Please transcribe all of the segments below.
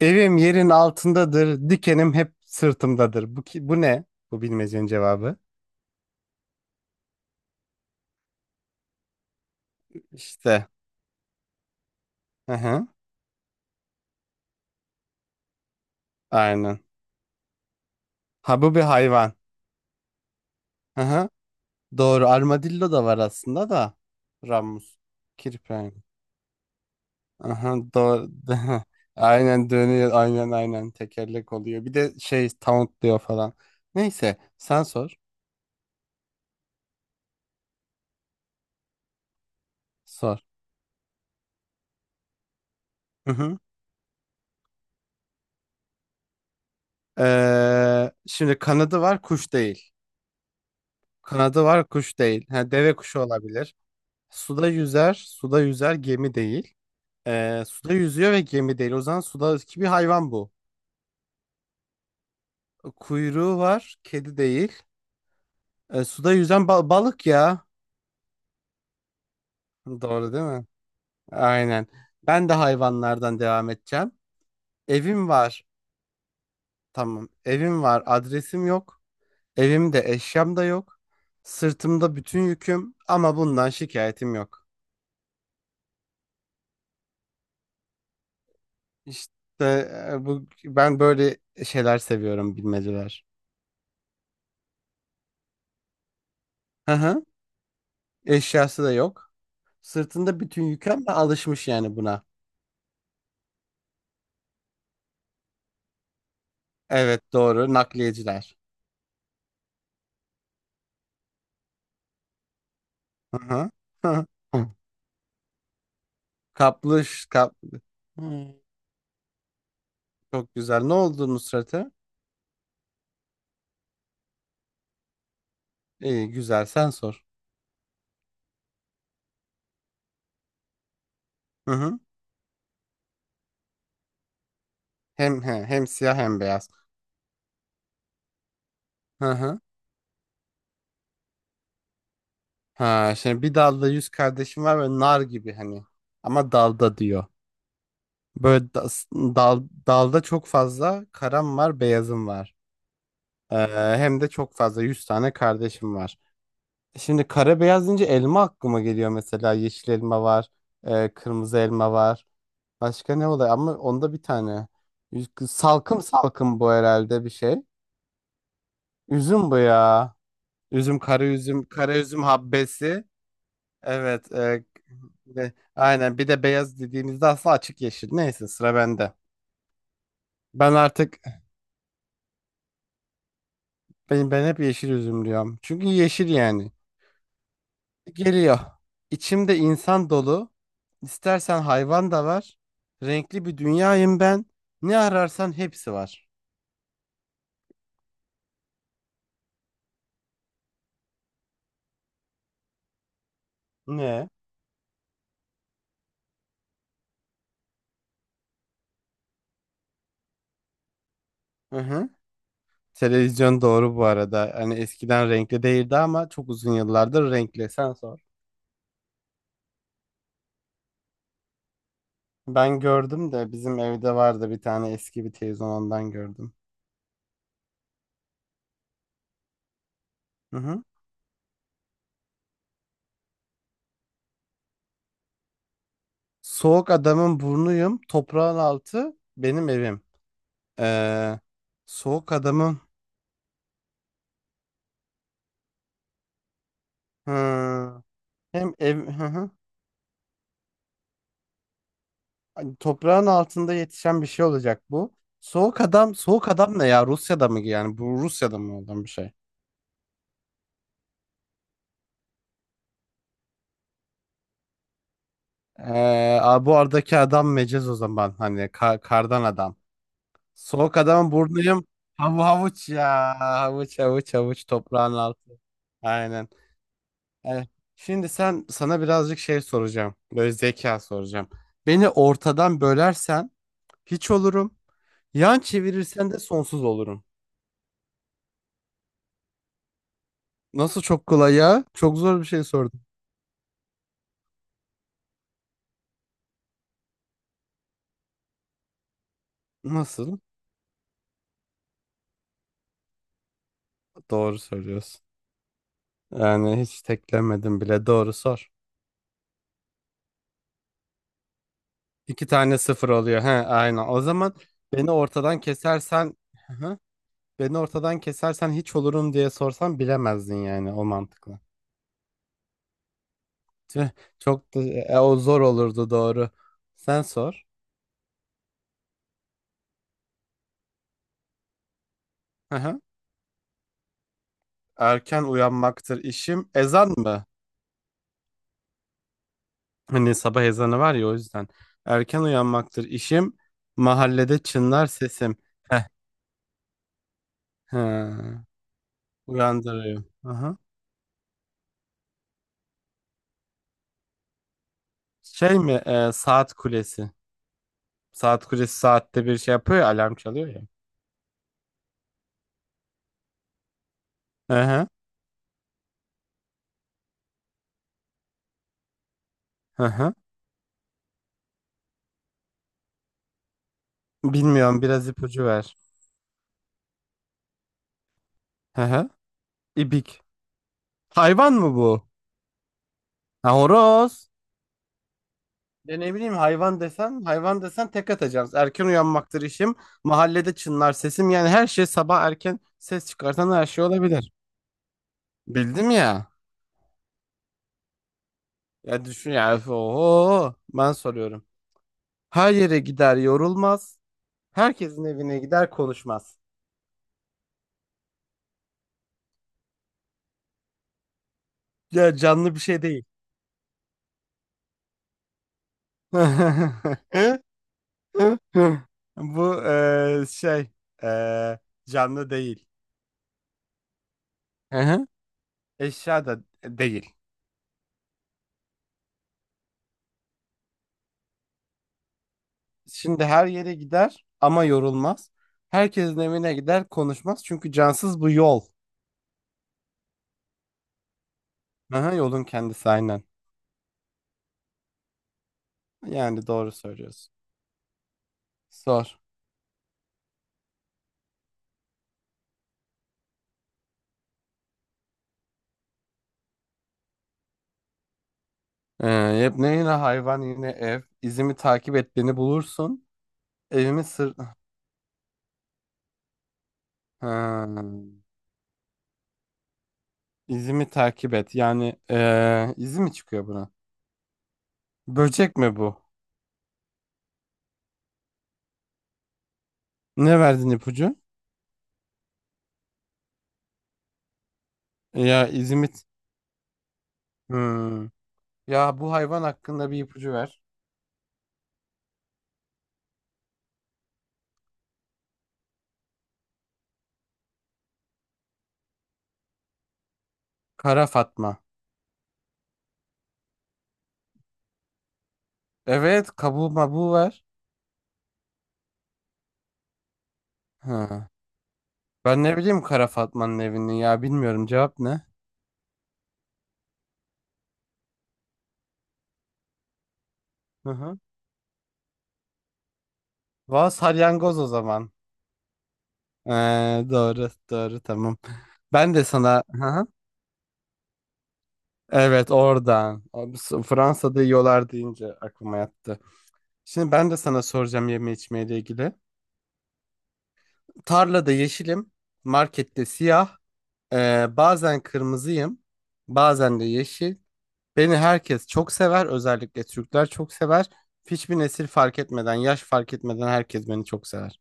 Evim yerin altındadır, dikenim hep sırtımdadır. Bu ne? Bu bilmecenin cevabı. İşte. Hı hı. Aynen. Ha bu bir hayvan. Hı hı. Doğru. Armadillo da var aslında da. Ramus. Kirpren. Aha, doğru. Aynen dönüyor. Aynen aynen. Tekerlek oluyor. Bir de şey tauntluyor falan. Neyse. Sen sor. Sor. Hı hı. Şimdi kanadı var, kuş değil. Kanadı var, kuş değil. Ha, deve kuşu olabilir. Suda yüzer, gemi değil. Suda yüzüyor ve gemi değil. O zaman sudaki bir hayvan bu. Kuyruğu var, kedi değil. Suda yüzen balık ya. Doğru değil mi? Aynen. Ben de hayvanlardan devam edeceğim. Evim var. Tamam. Evim var. Adresim yok. Evimde eşyam da yok. Sırtımda bütün yüküm ama bundan şikayetim yok. İşte bu ben böyle şeyler seviyorum, bilmeceler. Hı hı. Eşyası da yok. Sırtında bütün yükü ama alışmış yani buna. Evet doğru, nakliyeciler. Hı hı. Hı. Kaplış kap. Hmm, Çok güzel. Ne oldu Nusret'e? İyi güzel, sen sor. Hı hı. Hem siyah hem beyaz. Hı hı. Ha şimdi bir dalda yüz kardeşim var ve nar gibi hani. Ama dalda diyor. Böyle dalda çok fazla karam var, beyazım var. Ee, Hem de çok fazla 100 tane kardeşim var. Şimdi kara beyaz deyince elma aklıma geliyor mesela. Yeşil elma var, kırmızı elma var. Başka ne oluyor? Ama onda bir tane. Salkım salkım bu, herhalde bir şey. Üzüm bu ya. Üzüm, kara üzüm, kara üzüm habbesi. Evet. Aynen. Bir de beyaz dediğimizde aslında açık yeşil. Neyse, sıra bende. Ben artık ben hep yeşil üzüm diyorum. Çünkü yeşil yani. Geliyor. İçimde insan dolu. İstersen hayvan da var. Renkli bir dünyayım ben. Ne ararsan hepsi var. Ne? Hı hı. Televizyon, doğru bu arada. Hani eskiden renkli değildi ama çok uzun yıllardır renkli. Sen sor. Ben gördüm de, bizim evde vardı bir tane eski bir televizyon, ondan gördüm. Hı hı. Soğuk adamın burnuyum. Toprağın altı benim evim. Ee, Soğuk adamın. Hı. Hem ev, hı hı. Hani toprağın altında yetişen bir şey olacak bu. Soğuk adam, soğuk adam ne ya? Rusya'da mı yani? Bu Rusya'da mı olan bir şey? Bu aradaki adam mecaz o zaman. Hani kardan adam. Soğuk adamın burnuyum. Havuç ya. Havuç havuç havuç, toprağın altı. Aynen. Evet. Şimdi sana birazcık şey soracağım. Böyle zeka soracağım. Beni ortadan bölersen hiç olurum. Yan çevirirsen de sonsuz olurum. Nasıl çok kolay ya? Çok zor bir şey sordum. Nasıl? Doğru söylüyorsun. Yani hiç teklemedim bile. Doğru sor. İki tane sıfır oluyor. He, aynen. O zaman beni ortadan kesersen. Hı hı. Beni ortadan kesersen hiç olurum diye sorsan bilemezdin yani, o mantıkla. Tüh, çok da o zor olurdu, doğru. Sen sor. Hı hı. Erken uyanmaktır işim. Ezan mı? Hani sabah ezanı var ya, o yüzden. Erken uyanmaktır işim. Mahallede çınlar sesim. Heh. Hı. Uyandırıyor. Aha. Şey mi? Saat kulesi. Saat kulesi saatte bir şey yapıyor ya, alarm çalıyor ya. Hı hı. Hı hı. Bilmiyorum, biraz ipucu ver. Hı hı. İbik. Hayvan mı bu? Ha, horoz. Ya ne bileyim, hayvan desen hayvan desen tek atacağız. Erken uyanmaktır işim. Mahallede çınlar sesim. Yani her şey, sabah erken ses çıkartan her şey olabilir. Bildim ya. Ya düşün ya. Öf. Oho. Ben soruyorum. Her yere gider, yorulmaz. Herkesin evine gider, konuşmaz. Ya, canlı bir şey değil. Bu şey, eee, canlı değil. Aha. Eşya da değil. Şimdi her yere gider ama yorulmaz. Herkesin evine gider, konuşmaz. Çünkü cansız bu, yol. Aha, yolun kendisi, aynen. Yani doğru söylüyorsun. Sor. Yepne Yine hayvan, yine ev. İzimi takip et, beni bulursun. Evimi sır... Ha. İzimi takip et. Yani izi mi çıkıyor buna? Böcek mi bu? Ne verdin ipucu? Ya, İzmit. Hmm. Ya bu hayvan hakkında bir ipucu ver. Kara Fatma. Evet, kabuğu mabuğu ver. Ha. Ben ne bileyim Kara Fatma'nın evini, ya bilmiyorum, cevap ne? Hı hı. Valla salyangoz o zaman. Ee, doğru doğru, tamam. Ben de sana, hı hı. Evet, oradan. Abi, Fransa'da yiyorlar deyince aklıma yattı. Şimdi ben de sana soracağım, yeme içmeyle ilgili. Tarlada yeşilim, markette siyah. Bazen kırmızıyım, bazen de yeşil. Beni herkes çok sever, özellikle Türkler çok sever. Hiçbir nesil fark etmeden, yaş fark etmeden herkes beni çok sever.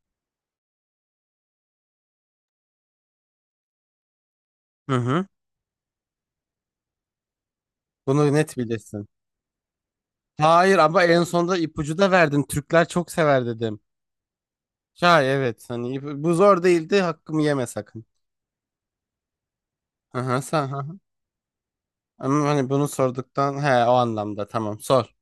Hı hı. Bunu net bilirsin. Hayır ama en sonunda ipucu da verdin. Türkler çok sever dedim. Ya evet, hani bu zor değildi, hakkımı yeme sakın. Hı hı, sen, hı hı. Ama hani bunu sorduktan he, o anlamda, tamam sor.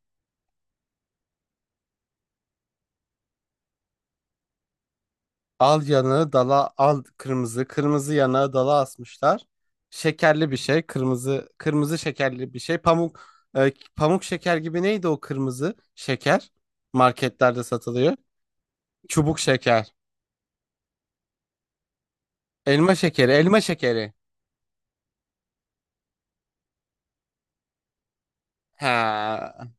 Al yanağı dala, al kırmızı. Kırmızı yanağı dala asmışlar. Şekerli bir şey. Kırmızı kırmızı şekerli bir şey. Pamuk şeker gibi, neydi o kırmızı şeker? Marketlerde satılıyor. Çubuk şeker. Elma şekeri. Elma şekeri. Ha,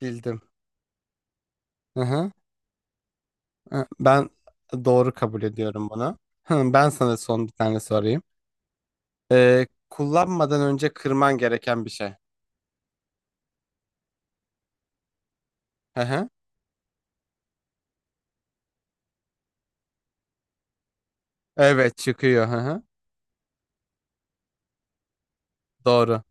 bildim. Hı hı. Hı, Ben doğru kabul ediyorum bunu. Hı, Ben sana son bir tane sorayım. Kullanmadan önce kırman gereken bir şey. Hı hı. Evet, çıkıyor. Hı hı. Doğru.